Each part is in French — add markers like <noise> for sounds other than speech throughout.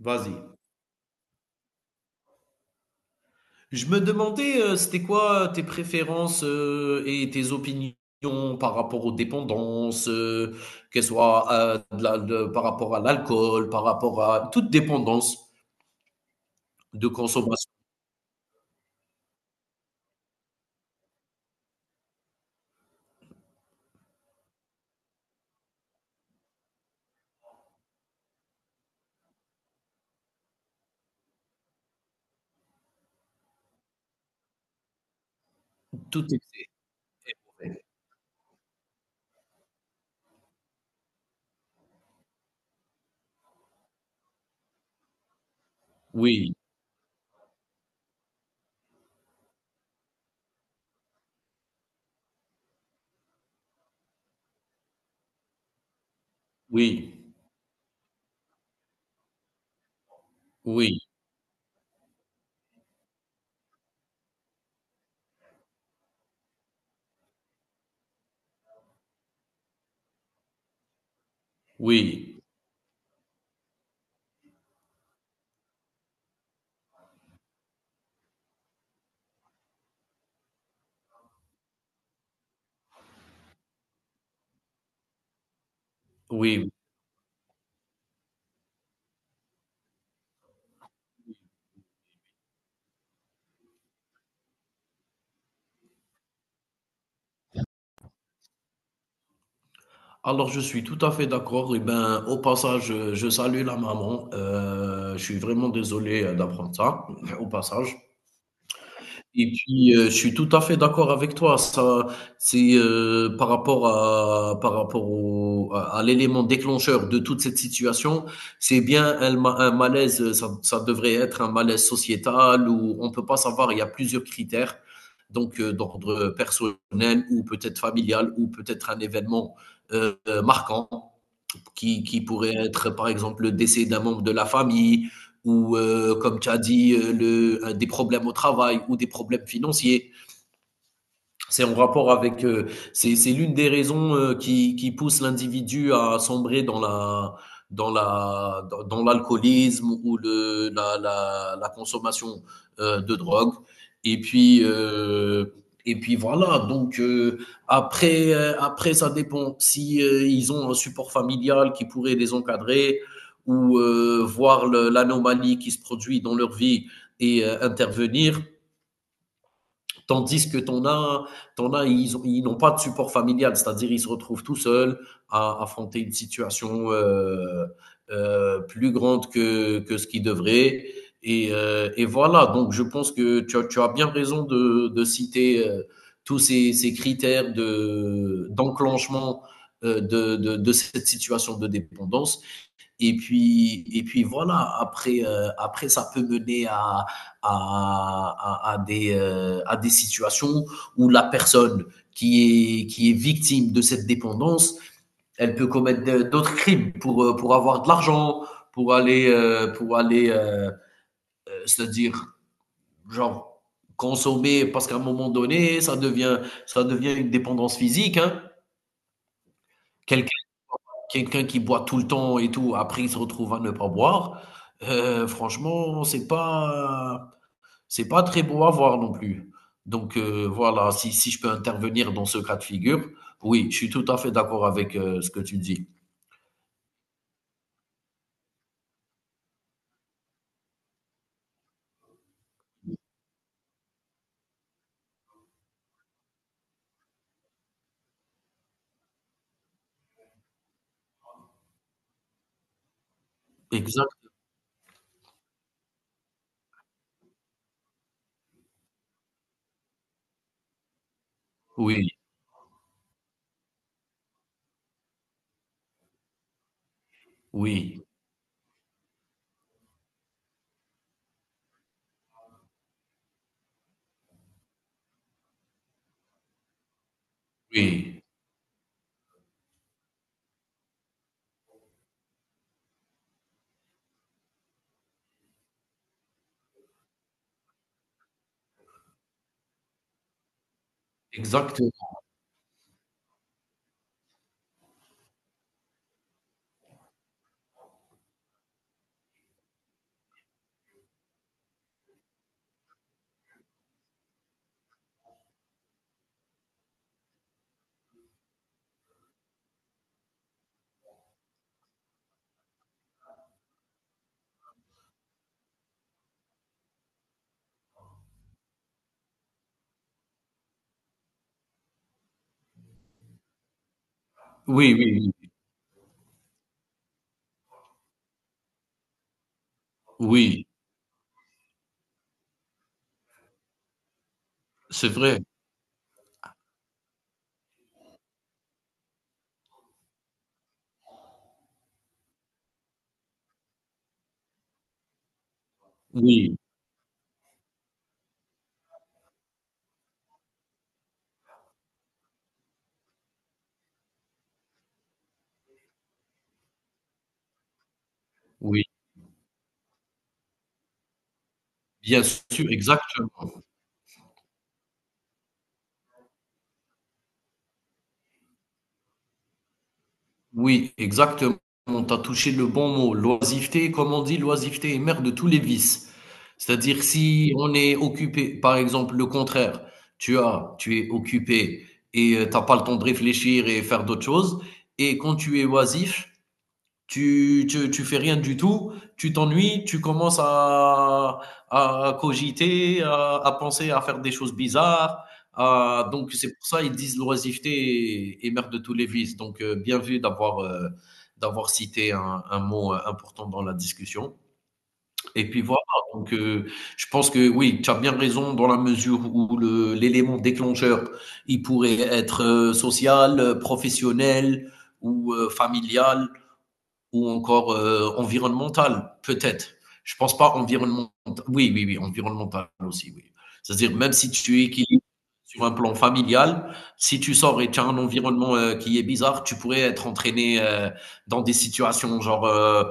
Vas-y. Je me demandais, c'était quoi tes préférences et tes opinions par rapport aux dépendances, qu'elles soient par rapport à l'alcool, par rapport à toute dépendance de consommation, tout excès. Oui, oui, oui, oui, oui. Alors je suis tout à fait d'accord. Et ben, au passage, je salue la maman. Je suis vraiment désolé d'apprendre ça, <laughs> au passage. Et puis, je suis tout à fait d'accord avec toi. Ça, c'est, par rapport à par rapport au à l'élément déclencheur de toute cette situation, c'est bien un malaise, ça devrait être un malaise sociétal où on peut pas savoir, il y a plusieurs critères, donc d'ordre personnel ou peut-être familial ou peut-être un événement, heu, marquant qui pourrait être, par exemple, le décès d'un membre de la famille ou, comme tu as dit, des problèmes au travail ou des problèmes financiers. C'est en rapport avec, c'est l'une des raisons, qui pousse l'individu à sombrer dans l'alcoolisme ou le la la la consommation, de drogue et puis, voilà donc, après, après ça dépend si, ils ont un support familial qui pourrait les encadrer ou, voir le l'anomalie qui se produit dans leur vie et intervenir. Tandis que ton as ils n'ont pas de support familial, c'est-à-dire ils se retrouvent tout seuls à affronter une situation plus grande que ce qu'ils devraient. Et voilà, donc je pense que tu as bien raison de citer tous ces, ces critères de, d'enclenchement de cette situation de dépendance. Et puis voilà, après, après ça peut mener à des situations où la personne qui est victime de cette dépendance, elle peut commettre d'autres crimes pour avoir de l'argent, pour aller c'est-à-dire, genre, consommer, parce qu'à un moment donné, ça devient une dépendance physique, hein. Quelqu'un Quelqu'un qui boit tout le temps et tout, après il se retrouve à ne pas boire, franchement, c'est pas très beau à voir non plus. Donc voilà, si je peux intervenir dans ce cas de figure, oui, je suis tout à fait d'accord avec, ce que tu dis. Exact. Oui, oui, oui. Exact. Oui, oui, oui. Oui, c'est vrai. Oui, oui, bien sûr, exactement. Oui, exactement. Tu as touché le bon mot. L'oisiveté, comme on dit, l'oisiveté est mère de tous les vices. C'est-à-dire si on est occupé, par exemple, le contraire, tu es occupé et tu n'as pas le temps de réfléchir et faire d'autres choses. Et quand tu es oisif, tu fais rien du tout, tu t'ennuies, tu commences à cogiter, à penser à faire des choses bizarres. Donc c'est pour ça ils disent l'oisiveté est, est mère de tous les vices. Donc bien vu d'avoir d'avoir cité un mot important dans la discussion. Et puis voilà, donc je pense que oui, tu as bien raison dans la mesure où le, l'élément déclencheur, il pourrait être social, professionnel ou familial ou encore environnemental, peut-être. Je pense pas environnemental. Oui, oui, oui, environnemental aussi, oui. C'est-à-dire, même si tu équilibres sur un plan familial, si tu sors et tu as un environnement qui est bizarre, tu pourrais être entraîné dans des situations genre,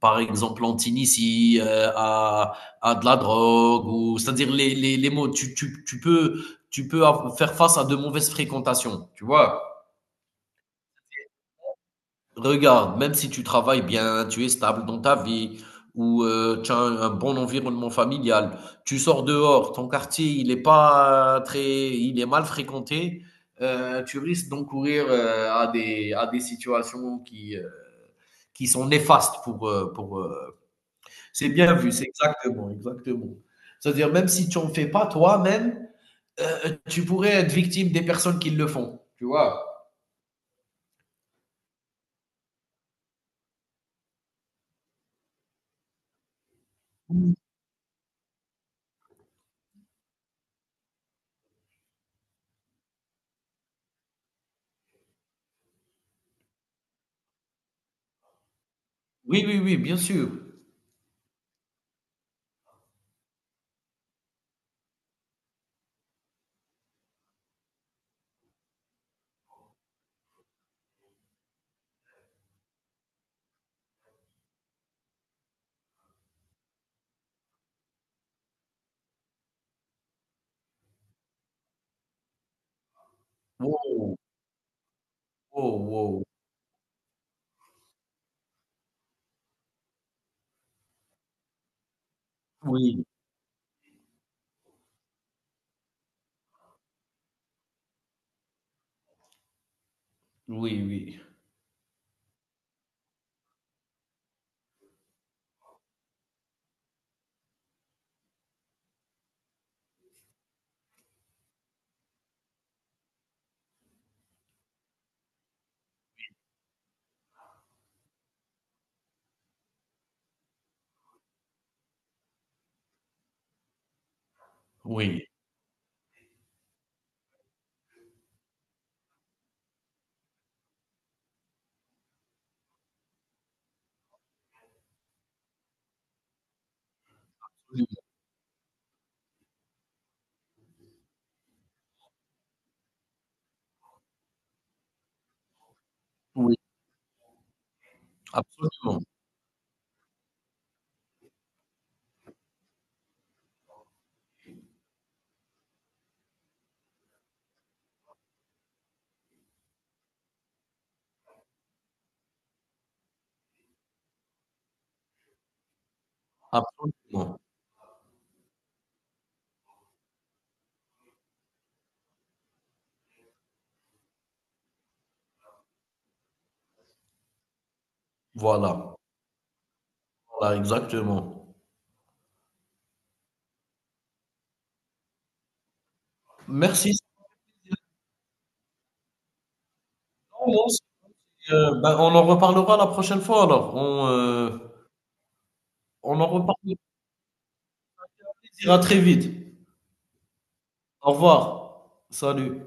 par exemple, en Tunisie, à de la drogue, ou c'est-à-dire les mots, tu peux, faire face à de mauvaises fréquentations, tu vois. Regarde, même si tu travailles bien, tu es stable dans ta vie, ou tu as un bon environnement familial, tu sors dehors, ton quartier, il est pas très, il est mal fréquenté, tu risques d'encourir à des situations qui sont néfastes pour, c'est bien vu, c'est exactement, exactement. C'est-à-dire, même si tu en fais pas toi-même, tu pourrais être victime des personnes qui le font, tu vois? Oui, oui, oui, bien sûr. Wow, wow, wow. Oui. Oui, oui, oui, oui, oui, absolument, absolument. Voilà, voilà, exactement. Merci. Sinon, non, c'est, ben, on en reparlera la prochaine fois alors. On en reparlera. Avec plaisir. À très vite. Au revoir. Salut.